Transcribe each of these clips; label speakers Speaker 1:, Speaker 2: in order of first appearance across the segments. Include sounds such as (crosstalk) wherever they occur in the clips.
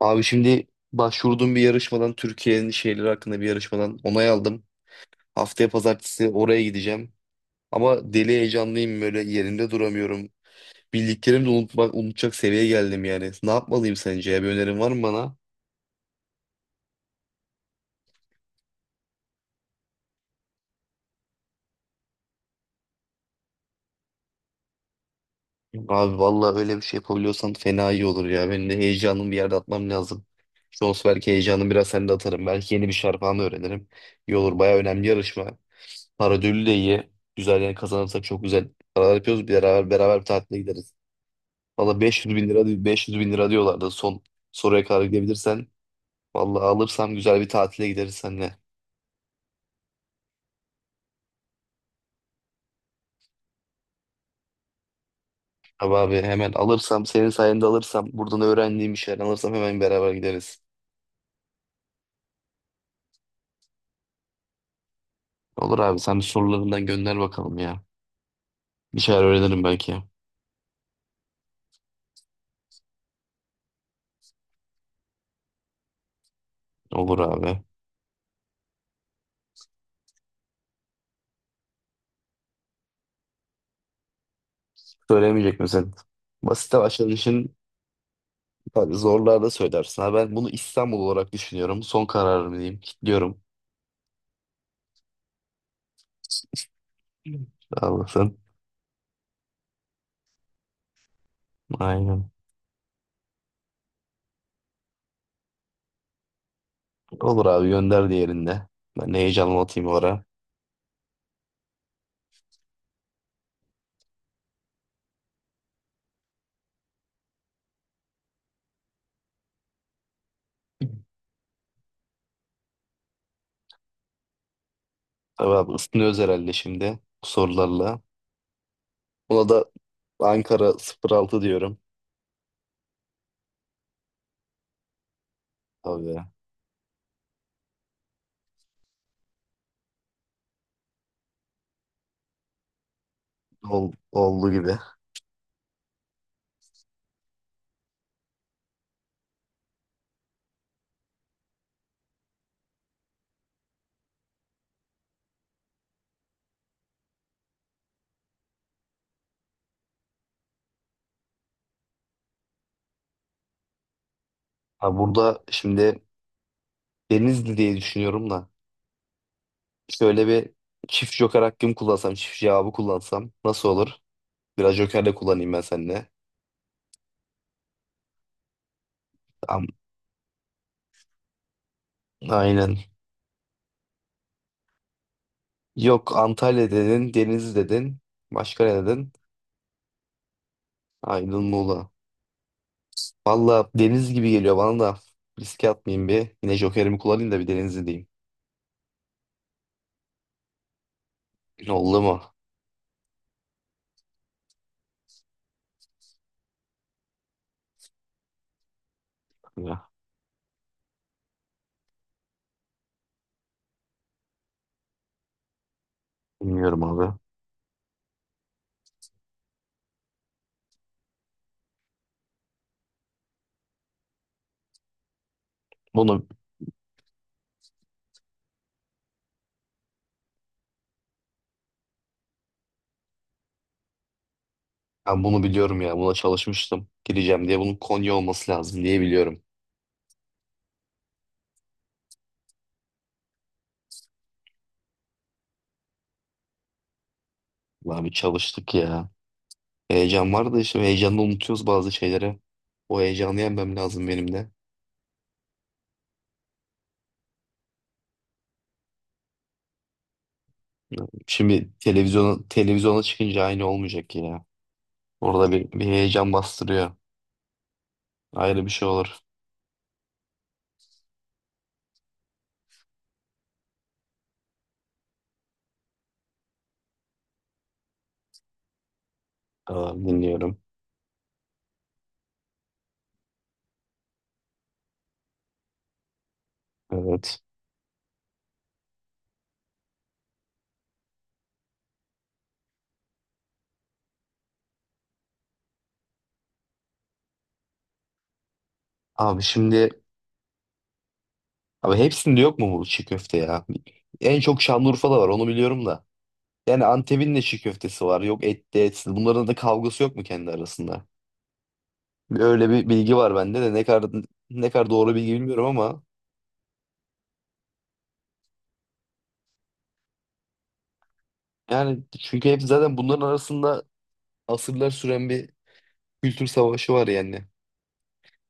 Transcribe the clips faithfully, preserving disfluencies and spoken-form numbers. Speaker 1: Abi şimdi başvurduğum bir yarışmadan Türkiye'nin şeyleri hakkında bir yarışmadan onay aldım. Haftaya pazartesi oraya gideceğim. Ama deli heyecanlıyım böyle yerimde duramıyorum. Bildiklerimi de unutmak, unutacak seviyeye geldim yani. Ne yapmalıyım sence ya? Bir önerin var mı bana? Abi vallahi öyle bir şey yapabiliyorsan fena iyi olur ya. Benim de heyecanımı bir yerde atmam lazım. İşte olsa belki heyecanımı biraz sende atarım. Belki yeni bir şarpan öğrenirim. İyi olur. Bayağı önemli yarışma. Para ödülü de iyi. Güzel yani kazanırsak çok güzel paralar yapıyoruz. Bir beraber, beraber bir tatile gideriz. Valla beş yüz bin lira, beş yüz bin lira diyorlardı. Son soruya kadar gidebilirsen. Valla alırsam güzel bir tatile gideriz seninle. Abi abi hemen alırsam, senin sayende alırsam, buradan öğrendiğim bir şeyler alırsam hemen beraber gideriz. Olur abi sen bir sorularından gönder bakalım ya. Bir şeyler öğrenirim belki. Olur abi. Söylemeyecek misin? Basite başladığın için tabii zorlarda söylersin. Ha, ben bunu İstanbul olarak düşünüyorum. Son kararım diyeyim. Kilitliyorum. Sağ olasın. Aynen. Olur abi gönder diğerinde. Ben de heyecanımı atayım o ara. Tabii abi ısınıyoruz herhalde şimdi bu sorularla. Buna da Ankara sıfır altı diyorum. Tabii ya. Ol, oldu gibi. Ha burada şimdi Denizli diye düşünüyorum da şöyle bir çift joker hakkım kullansam, çift cevabı kullansam nasıl olur? Biraz joker de kullanayım ben seninle. Am- Aynen. Yok Antalya dedin, Denizli dedin. Başka ne dedin? Aydın Muğla. Valla deniz gibi geliyor bana da. Riske atmayayım bir. Yine jokerimi kullanayım da bir Denizli diyeyim. Oldu mu? Bilmiyorum abi. Bunu ben bunu biliyorum ya. Buna çalışmıştım. Gireceğim diye bunun Konya olması lazım diye biliyorum. Abi çalıştık ya. Heyecan vardı işte. Heyecanla unutuyoruz bazı şeyleri. O heyecanı yenmem lazım benim de. Şimdi televizyona, televizyona çıkınca aynı olmayacak ya. Orada bir, bir heyecan bastırıyor. Ayrı bir şey olur. Tamam, dinliyorum. Evet. Abi şimdi abi hepsinde yok mu bu çiğ köfte ya? En çok Şanlıurfa'da var onu biliyorum da. Yani Antep'in de çiğ köftesi var. Yok etli etsiz. Bunların da kavgası yok mu kendi arasında? Öyle bir bilgi var bende de ne kadar ne kadar doğru bilgi bilmiyorum ama yani çünkü hep zaten bunların arasında asırlar süren bir kültür savaşı var yani.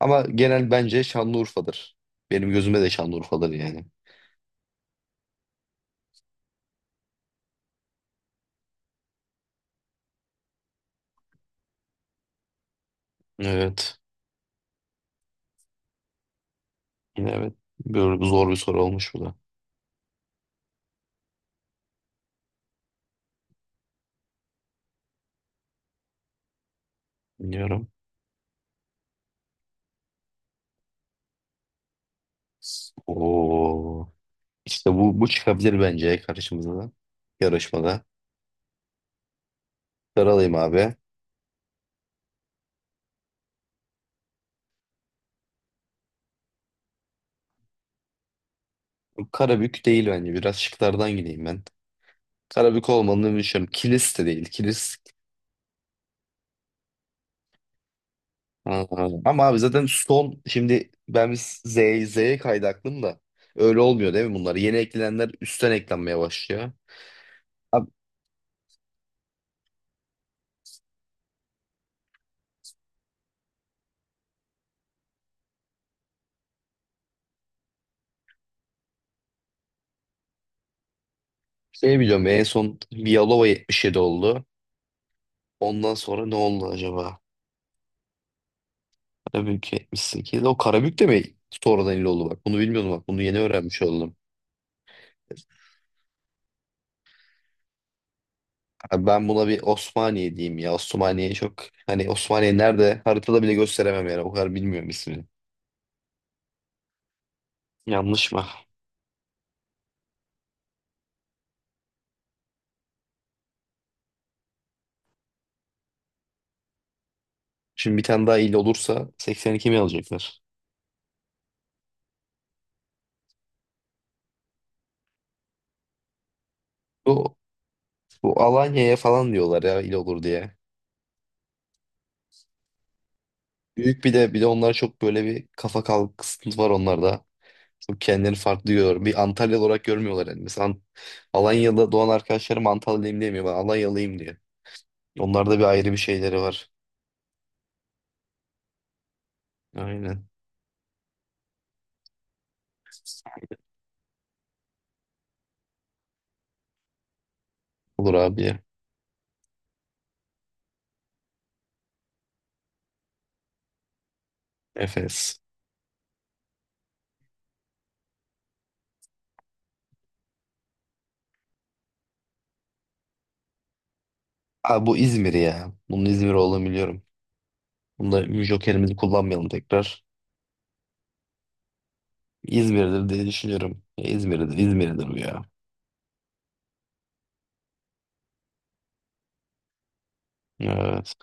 Speaker 1: Ama genel bence Şanlıurfa'dır. Benim gözüme de Şanlıurfa'dır yani. Evet. Yine evet. Böyle bir zor bir soru olmuş bu da. Bilmiyorum. Oo. İşte bu bu çıkabilir bence karşımıza da. Yarışmada. Sarılayım abi. Karabük değil bence. Biraz şıklardan gideyim ben. Karabük olmadığını düşünüyorum. Kilis de değil. Kilis. Aa, ama abi zaten son şimdi ben bir Z, Z'ye kaydı aklım da. Öyle olmuyor değil mi bunlar? Yeni eklenenler üstten eklenmeye başlıyor. Abi şey biliyorum en son Vialova yetmiş yedi oldu. Ondan sonra ne oldu acaba? Karabük yetmiş sekiz. O Karabük de mi sonradan il oldu bak? Bunu bilmiyordum bak. Bunu yeni öğrenmiş oldum. Abi ben buna bir Osmaniye diyeyim ya. Osmaniye çok hani Osmaniye nerede haritada bile gösteremem yani o kadar bilmiyorum ismini. Yanlış mı? Şimdi bir tane daha il olursa seksen iki mi alacaklar? Bu, bu Alanya'ya falan diyorlar ya il olur diye. Büyük bir de bir de onlar çok böyle bir kafa kalkıntı var onlarda. Çok kendilerini farklı görüyorlar. Bir Antalyalı olarak görmüyorlar yani. Mesela Ant- Alanya'da doğan arkadaşlarım Antalyalıyım demiyor. Ben Alanyalıyım diyor. Onlarda bir ayrı bir şeyleri var. Aynen. Olur abi ya. Efes. Abi bu İzmir ya. Bunun İzmir olduğunu biliyorum. Bunda Joker'imizi kullanmayalım tekrar. İzmir'dir diye düşünüyorum. Ya İzmir'dir, İzmir'dir bu ya. Evet,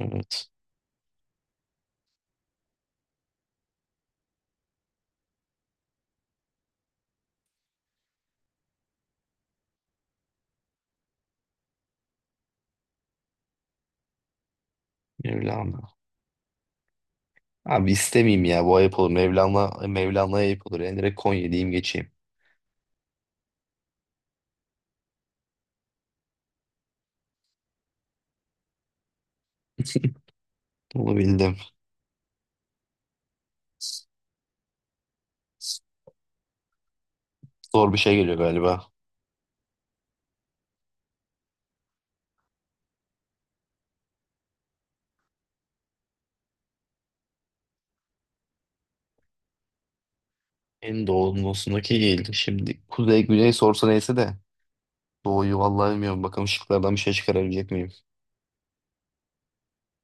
Speaker 1: evet. Mevlana. Abi istemeyeyim ya. Bu ayıp olur. Mevlana, Mevlana'ya ayıp olur. Yani direkt Konya diyeyim geçeyim. Bunu bildim. Zor bir şey geliyor galiba. En doğusundaki il. Şimdi kuzey güney sorsa neyse de. Doğuyu vallahi bilmiyorum. Bakalım şıklardan bir şey çıkarabilecek miyim?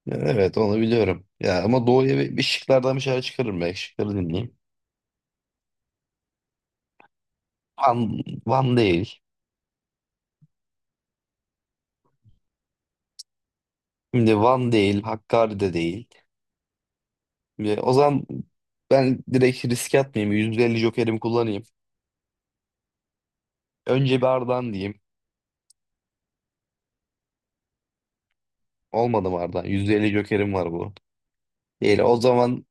Speaker 1: Ya evet onu biliyorum. Ya ama doğuya bir, bir şıklardan bir şeyler çıkarırım belki. Şıkları dinleyeyim. Van, Van değil. Şimdi Van değil, Hakkari de değil. Şimdi o zaman ben direkt riske atmayayım. yüz elli jokerimi kullanayım. Önce bir Ardahan diyeyim. Olmadı mı Ardahan? yüz elli jokerim var bu. Değil. O zaman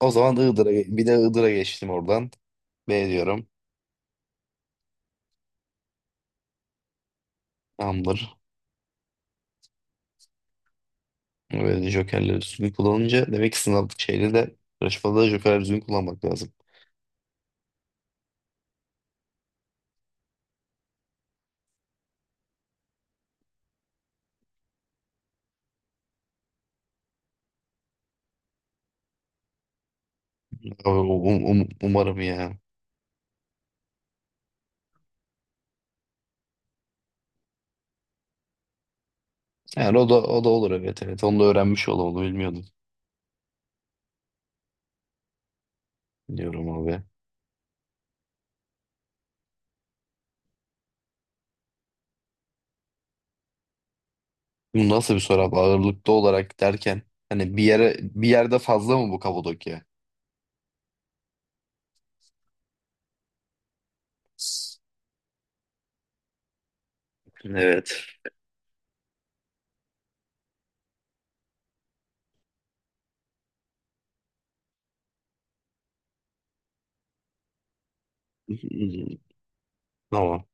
Speaker 1: o zaman Iğdır'a bir de Iğdır'a geçtim oradan. B diyorum. Tamamdır. Böyle jokerleri düzgün kullanınca demek ki sınav şeyde de yarışmada da jokerleri düzgün kullanmak lazım. Um- um- um- umarım ya. Yani o da o da olur evet evet. Onu da öğrenmiş olalım. Onu bilmiyordum. Diyorum abi. Bu nasıl bir soru abi? Ağırlıklı olarak derken hani bir yere bir yerde fazla mı bu Kapadokya? Evet. (laughs) Tamam.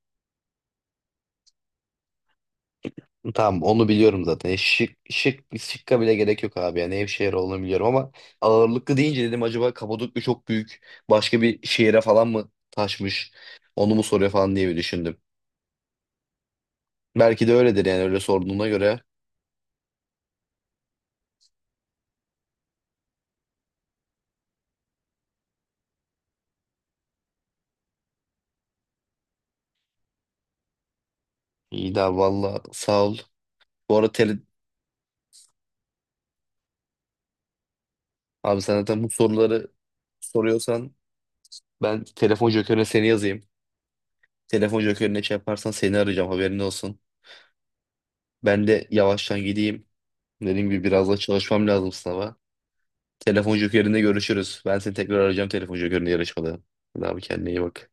Speaker 1: Tamam onu biliyorum zaten. E, Şık şık şıkka bile gerek yok abi. Yani Nevşehir olduğunu biliyorum ama ağırlıklı deyince dedim acaba Kapadokya çok büyük başka bir şehire falan mı taşmış? Onu mu soruyor falan diye bir düşündüm. Belki de öyledir yani öyle sorduğuna göre. İyi de abi, valla sağ ol. Bu arada tele... abi sen zaten bu soruları soruyorsan ben telefon jokerine seni yazayım. Telefon jokerine şey yaparsan seni arayacağım haberin olsun. Ben de yavaştan gideyim. Dediğim gibi biraz daha çalışmam lazım sınava. Telefon jokerinde görüşürüz. Ben seni tekrar arayacağım telefon jokerinde yarışmada. Hadi abi kendine iyi bak.